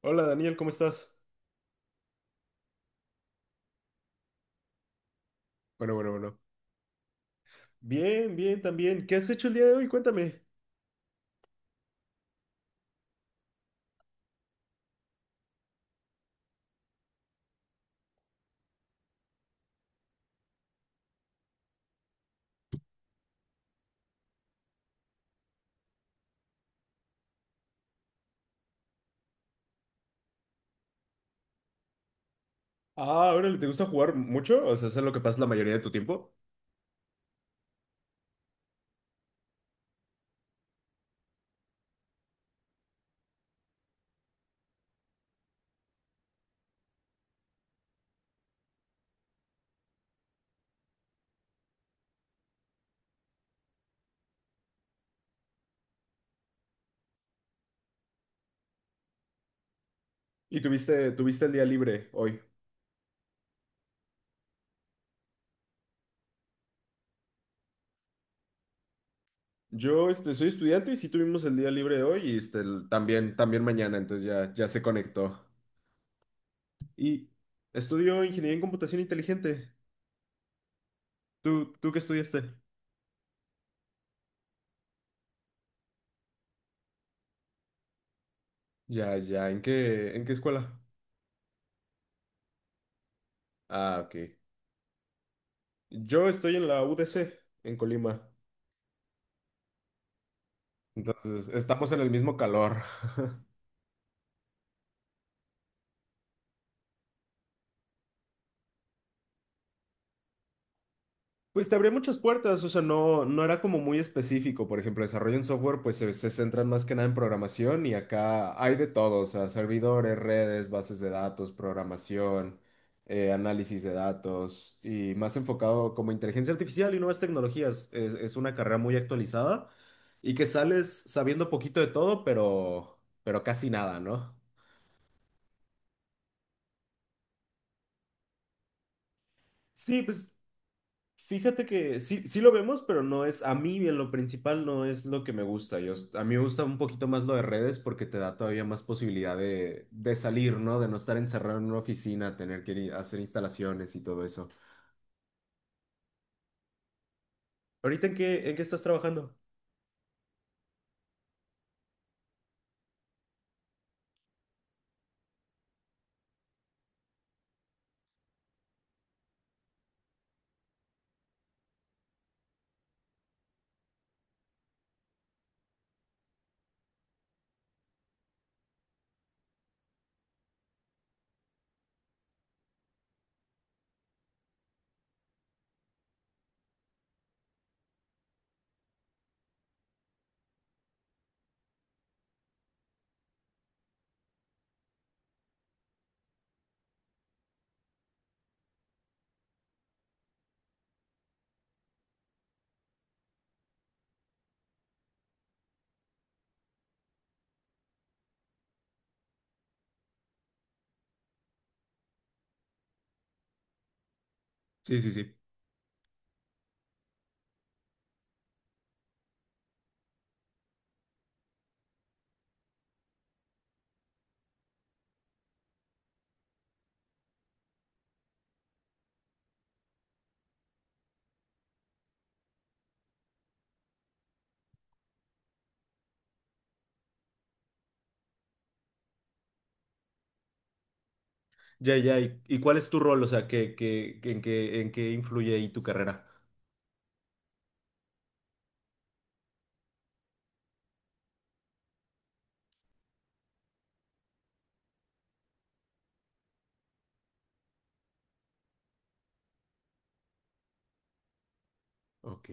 Hola Daniel, ¿cómo estás? Bueno, bueno, bueno. Bien, bien, también. ¿Qué has hecho el día de hoy? Cuéntame. Ah, órale, ¿te gusta jugar mucho? O sea, ¿es en lo que pasas la mayoría de tu tiempo? ¿Y tuviste el día libre hoy? Yo, este, soy estudiante y sí tuvimos el día libre hoy y este, también, también mañana, entonces ya se conectó. Y estudio ingeniería en computación inteligente. ¿Tú, tú qué estudiaste? Ya, ya, en qué escuela? Ah, ok. Yo estoy en la UDC, en Colima. Entonces, estamos en el mismo calor. Pues te abría muchas puertas, o sea, no, no era como muy específico. Por ejemplo, desarrollo en software, pues se centran más que nada en programación y acá hay de todo, o sea, servidores, redes, bases de datos, programación, análisis de datos y más enfocado como inteligencia artificial y nuevas tecnologías. Es una carrera muy actualizada y que sales sabiendo poquito de todo, pero casi nada, ¿no? Sí, pues fíjate que sí, sí lo vemos, pero no es, a mí en lo principal no es lo que me gusta. Yo, a mí me gusta un poquito más lo de redes porque te da todavía más posibilidad de salir, ¿no? De no estar encerrado en una oficina, tener que ir a hacer instalaciones y todo eso. ¿Ahorita en qué estás trabajando? Sí, sí, sí. Ya, ya, y cuál es tu rol? O sea, ¿qué, en qué, en qué influye ahí tu carrera? Ok.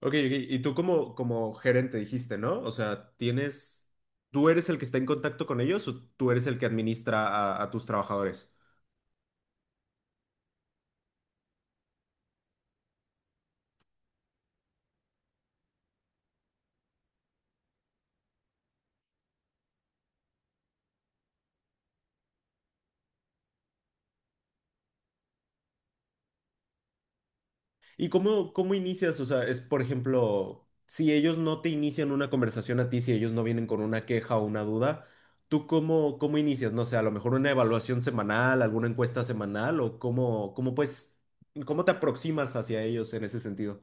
Ok, ok, y tú como, como gerente dijiste, ¿no? O sea, tienes, ¿tú eres el que está en contacto con ellos o tú eres el que administra a tus trabajadores? ¿Y cómo, cómo inicias? O sea, es, por ejemplo, si ellos no te inician una conversación a ti, si ellos no vienen con una queja o una duda, ¿tú cómo, cómo inicias? No sé, a lo mejor una evaluación semanal, alguna encuesta semanal o cómo, cómo pues, ¿cómo te aproximas hacia ellos en ese sentido?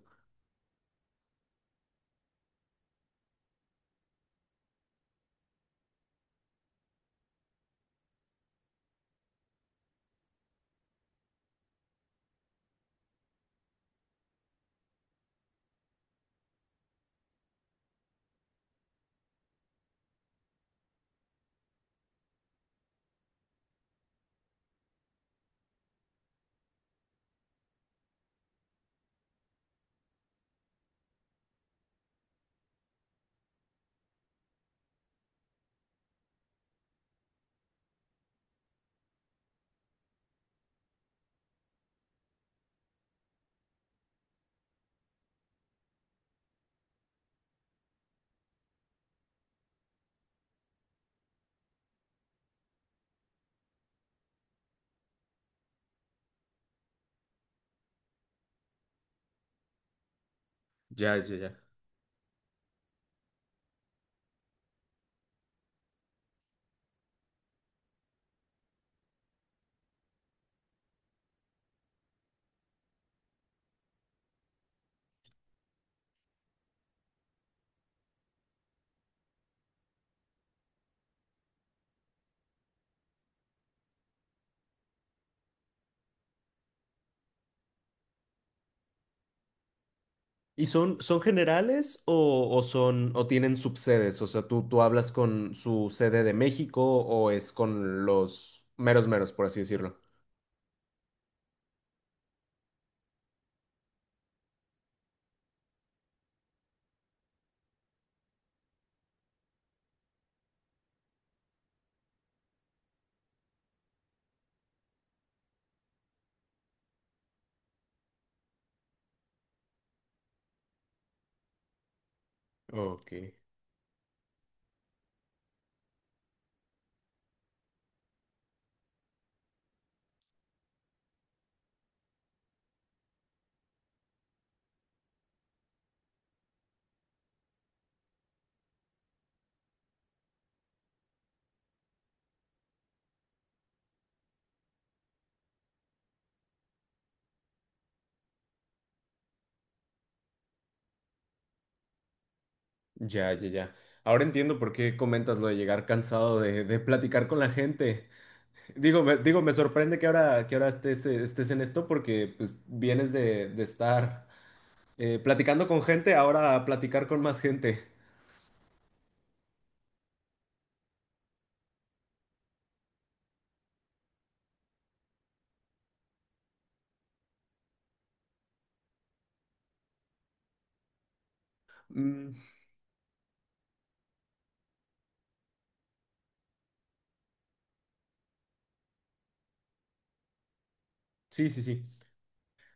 Ya, ya, ya. ¿Y son, son generales o son o tienen subsedes? O sea, tú hablas con su sede de México o es con los meros meros, por así decirlo. Ok, ya, ya, ya. Ahora entiendo por qué comentas lo de llegar cansado de platicar con la gente. Digo, me sorprende que ahora estés, estés en esto porque pues, vienes de estar platicando con gente, ahora a platicar con más gente. Mm, sí, sí, sí.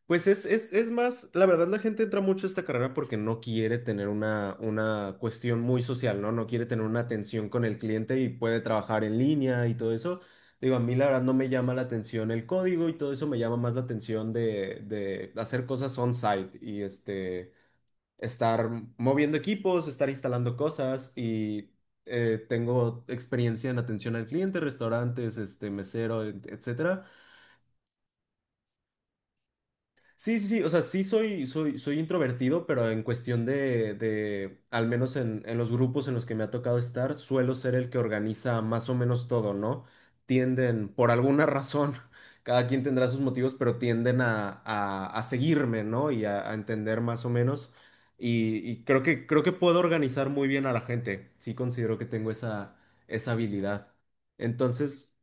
Pues es más, la verdad la gente entra mucho a esta carrera porque no quiere tener una cuestión muy social, ¿no? No quiere tener una atención con el cliente y puede trabajar en línea y todo eso. Digo, a mí la verdad no me llama la atención el código y todo eso me llama más la atención de hacer cosas on-site y este, estar moviendo equipos, estar instalando cosas y tengo experiencia en atención al cliente, restaurantes, este, mesero, etcétera. Sí, sí, sí, o sea, sí soy, soy, soy introvertido, pero en cuestión de, al menos en los grupos en los que me ha tocado estar, suelo ser el que organiza más o menos todo, ¿no? Tienden, por alguna razón, cada quien tendrá sus motivos, pero tienden a, a seguirme, ¿no? Y a entender más o menos. Y creo que puedo organizar muy bien a la gente. Sí considero que tengo esa, esa habilidad. Entonces,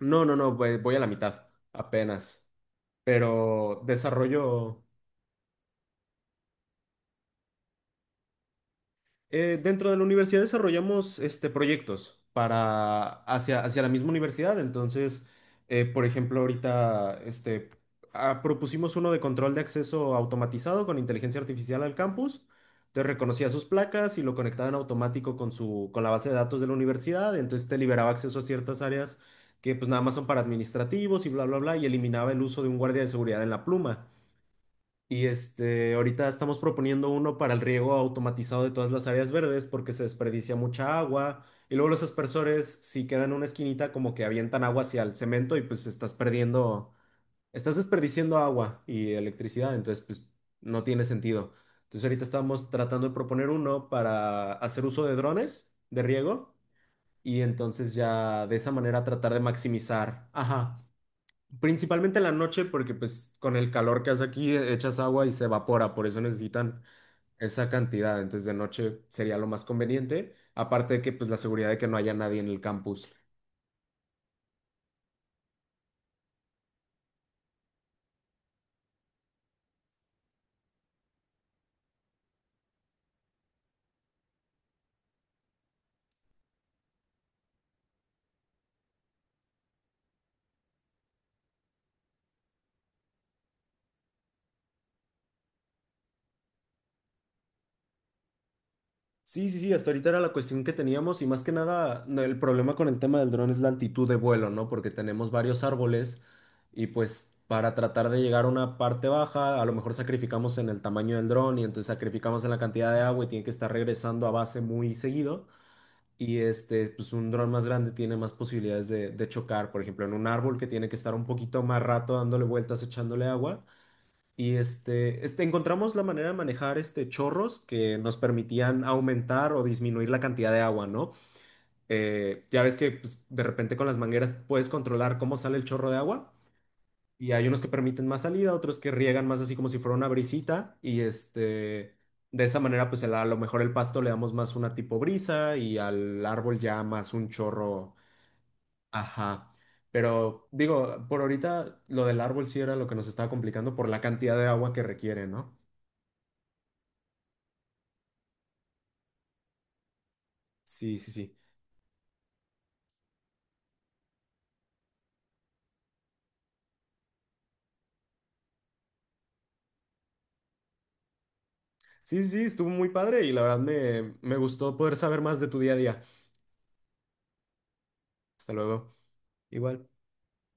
no, no, no, voy a la mitad, apenas pero desarrollo. Dentro de la universidad desarrollamos este, proyectos para hacia, hacia la misma universidad. Entonces, por ejemplo, ahorita este, ah, propusimos uno de control de acceso automatizado con inteligencia artificial al campus. Te reconocía sus placas y lo conectaba en automático con su, con la base de datos de la universidad. Entonces te liberaba acceso a ciertas áreas que pues nada más son para administrativos y bla, bla, bla, y eliminaba el uso de un guardia de seguridad en la pluma. Y este, ahorita estamos proponiendo uno para el riego automatizado de todas las áreas verdes porque se desperdicia mucha agua. Y luego los aspersores, si quedan en una esquinita, como que avientan agua hacia el cemento y pues estás perdiendo, estás desperdiciando agua y electricidad, entonces pues no tiene sentido. Entonces ahorita estamos tratando de proponer uno para hacer uso de drones de riego y entonces ya de esa manera tratar de maximizar, ajá, principalmente en la noche, porque pues con el calor que hace aquí echas agua y se evapora, por eso necesitan esa cantidad. Entonces de noche sería lo más conveniente, aparte de que pues la seguridad de que no haya nadie en el campus. Sí, sí, sí, hasta ahorita era la cuestión que teníamos y más que nada no, el problema con el tema del dron es la altitud de vuelo, ¿no? Porque tenemos varios árboles y pues para tratar de llegar a una parte baja, a lo mejor sacrificamos en el tamaño del dron y entonces sacrificamos en la cantidad de agua y tiene que estar regresando a base muy seguido. Y este, pues un dron más grande tiene más posibilidades de chocar, por ejemplo, en un árbol que tiene que estar un poquito más rato dándole vueltas, echándole agua. Y este, encontramos la manera de manejar este chorros que nos permitían aumentar o disminuir la cantidad de agua, ¿no? Ya ves que pues, de repente con las mangueras puedes controlar cómo sale el chorro de agua. Y hay unos que permiten más salida, otros que riegan más así como si fuera una brisita. Y este, de esa manera, pues a lo mejor el pasto le damos más una tipo brisa y al árbol ya más un chorro. Ajá. Pero digo, por ahorita lo del árbol sí era lo que nos estaba complicando por la cantidad de agua que requiere, ¿no? Sí, sí, sí. Sí, sí, sí, estuvo muy padre y la verdad me, me gustó poder saber más de tu día a día. Hasta luego. Igual.